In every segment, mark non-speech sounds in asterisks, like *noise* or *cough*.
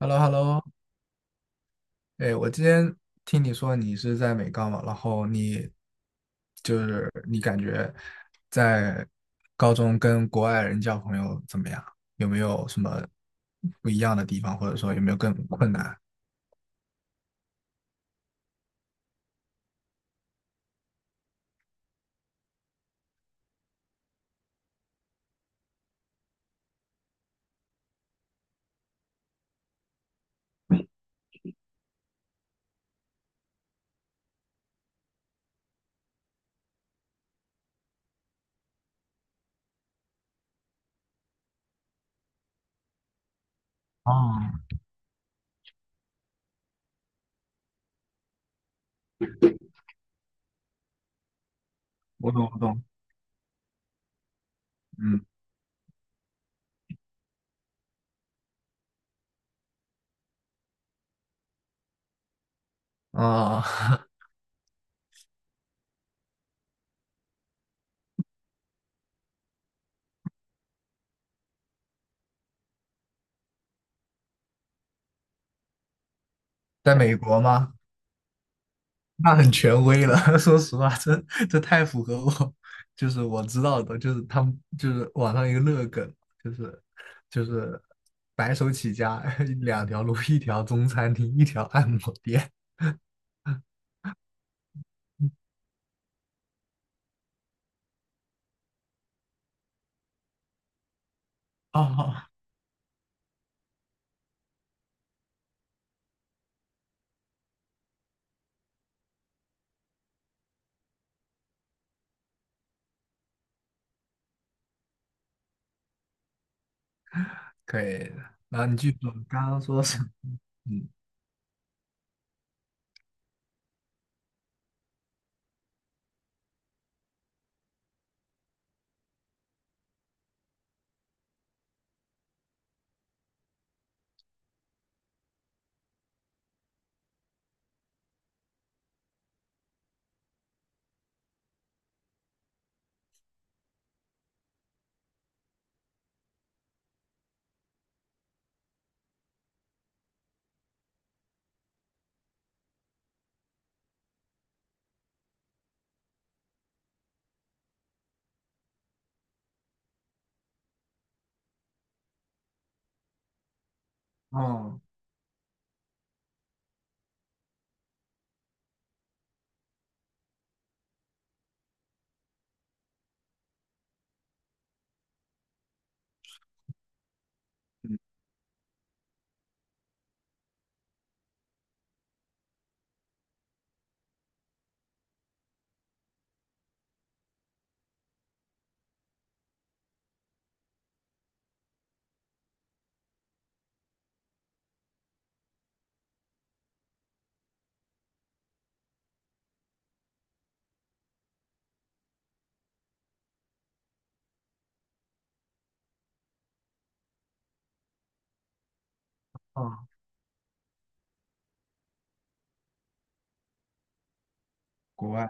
Hello hello 哎，我今天听你说你是在美高嘛，然后就是你感觉在高中跟国外人交朋友怎么样？有没有什么不一样的地方，或者说有没有更困难？啊，我懂，我懂。嗯，啊、*laughs* 在美国吗？那很权威了，*laughs* 说实话，这太符合我，就是我知道的，就是他们就是网上一个热梗，就是就是白手起家 *laughs* 两条路，一条中餐厅，一条按摩店。哦 *laughs* 可以的，然后你继续说，刚刚说什么？嗯，哦哦，国外，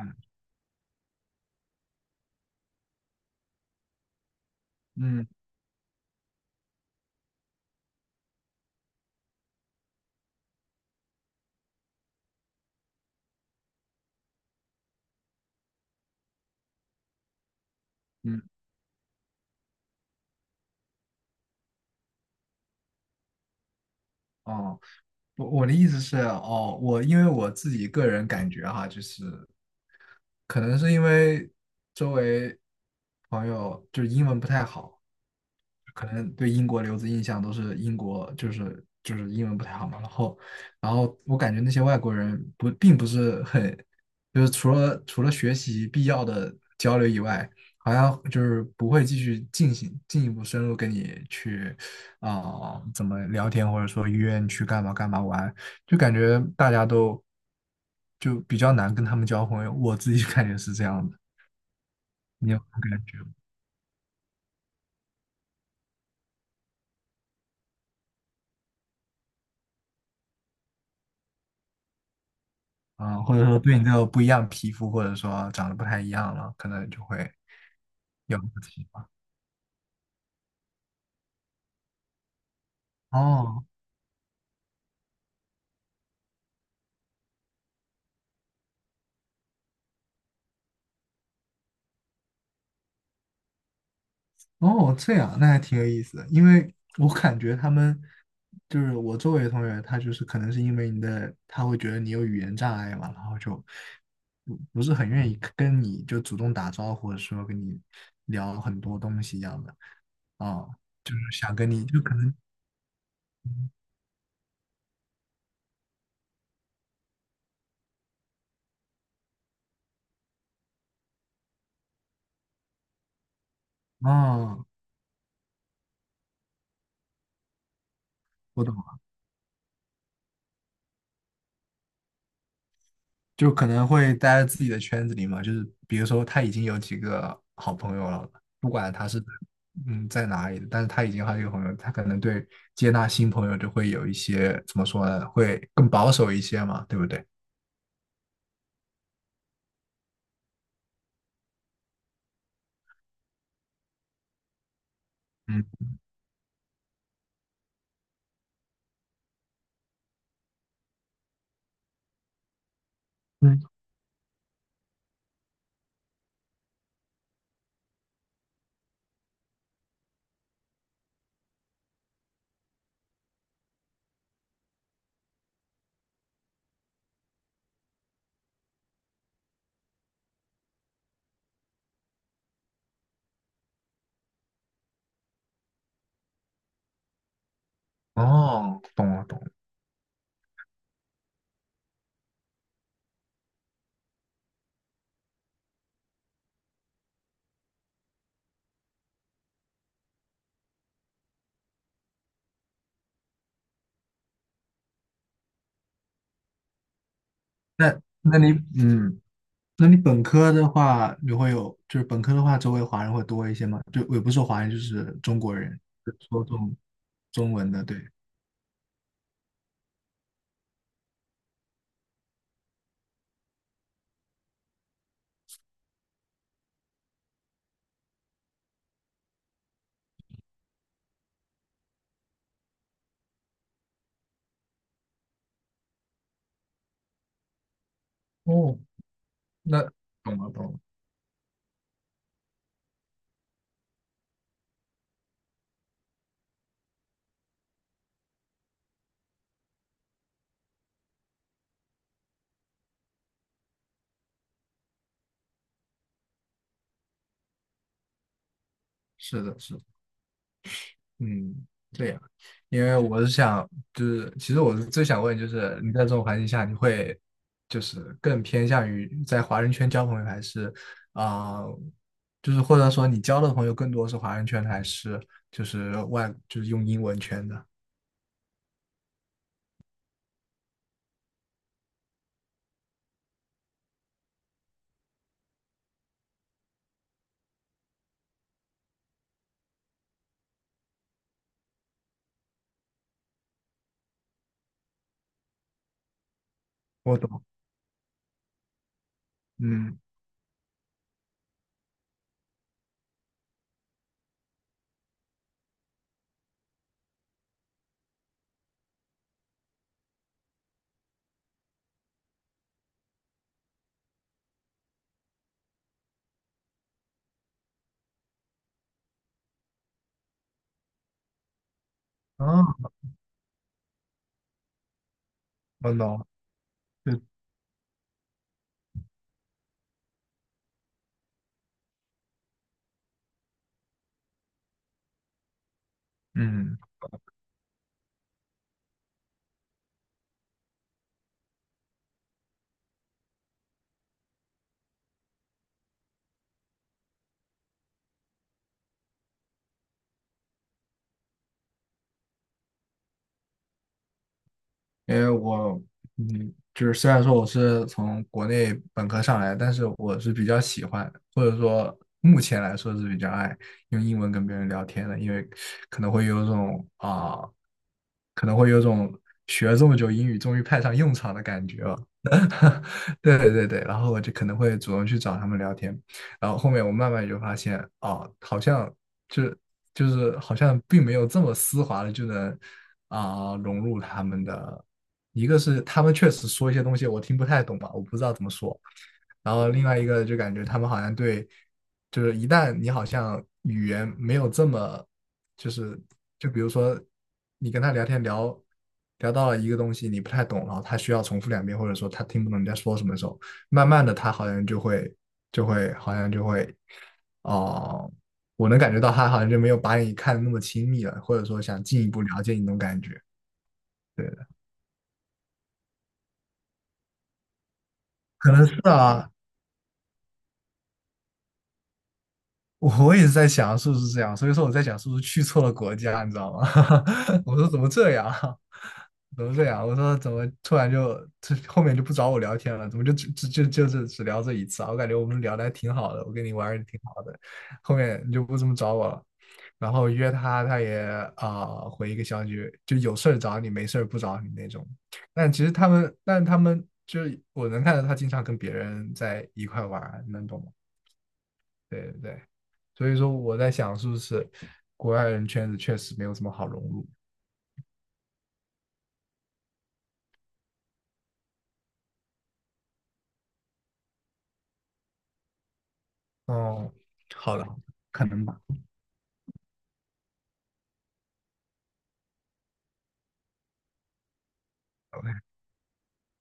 嗯嗯哦。我的意思是，哦，我因为我自己个人感觉哈，就是可能是因为周围朋友就是英文不太好，可能对英国留子印象都是英国就是英文不太好嘛，然后我感觉那些外国人不并不是很，就是除了学习必要的交流以外，好像就是不会继续进行进一步深入跟你去啊、怎么聊天，或者说约你去干嘛干嘛玩，就感觉大家都就比较难跟他们交朋友，我自己 *laughs* 感觉是这样的，你有感觉吗？啊，或者说对你这个不一样的皮肤，或者说长得不太一样了，可能就会有不吧。哦哦，这样那还挺有意思的，因为我感觉他们就是我周围的同学，他就是可能是因为你的，他会觉得你有语言障碍嘛，然后就不是很愿意跟你就主动打招呼，或者说跟你聊很多东西一样的啊，就是想跟你就可能啊，我懂。就可能会待在自己的圈子里嘛，就是比如说他已经有几个好朋友了，不管他是在哪里的，但是他已经有好几个朋友，他可能对接纳新朋友就会有一些怎么说呢，会更保守一些嘛，对不对？嗯嗯，哦，懂了懂了。那那你嗯，那你本科的话，你会有就是本科的话，周围华人会多一些吗？就也不是说华人，就是中国人，就说中文的，对。哦，那懂了懂了，是的是的。嗯，对呀，因为我是想，就是其实我是最想问，就是你在这种环境下，你会就是更偏向于在华人圈交朋友，还是啊、就是或者说你交的朋友更多是华人圈的，还是就是用英文圈的？我懂，嗯，啊，我懂，就嗯。因为我，嗯，就是虽然说我是从国内本科上来，但是我是比较喜欢，或者说目前来说是比较爱用英文跟别人聊天的，因为可能会有种啊、可能会有种学了这么久英语终于派上用场的感觉了。*laughs* 对对对，然后我就可能会主动去找他们聊天，然后后面我慢慢就发现，哦，好像就就是好像并没有这么丝滑的就能融入他们的，一个是他们确实说一些东西我听不太懂吧，我不知道怎么说，然后另外一个就感觉他们好像对，就是一旦你好像语言没有这么，就是就比如说你跟他聊天聊到了一个东西你不太懂，然后他需要重复两遍，或者说他听不懂你在说什么的时候，慢慢的他好像就会哦、呃我能感觉到他好像就没有把你看的那么亲密了，或者说想进一步了解你那种感觉。对的，可能是啊，我也是在想是不是这样，所以说我在想是不是去错了国家，你知道吗？*laughs* 我说怎么这样，*laughs* 怎么这样？我说怎么突然就这后面就不找我聊天了，怎么就只只就就是只聊这一次啊？我感觉我们聊的还挺好的，我跟你玩的挺好的，后面你就不怎么找我了。然后约他，他也回一个消息，就有事儿找你，没事儿不找你那种。但其实他们，但他们就是我能看到他经常跟别人在一块玩儿，能懂吗？对对对。所以说我在想，是不是国外人圈子确实没有什么好融入？哦，好的，好的可能吧。OK，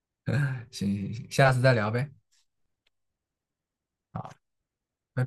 *laughs* 行行行，下次再聊呗。好。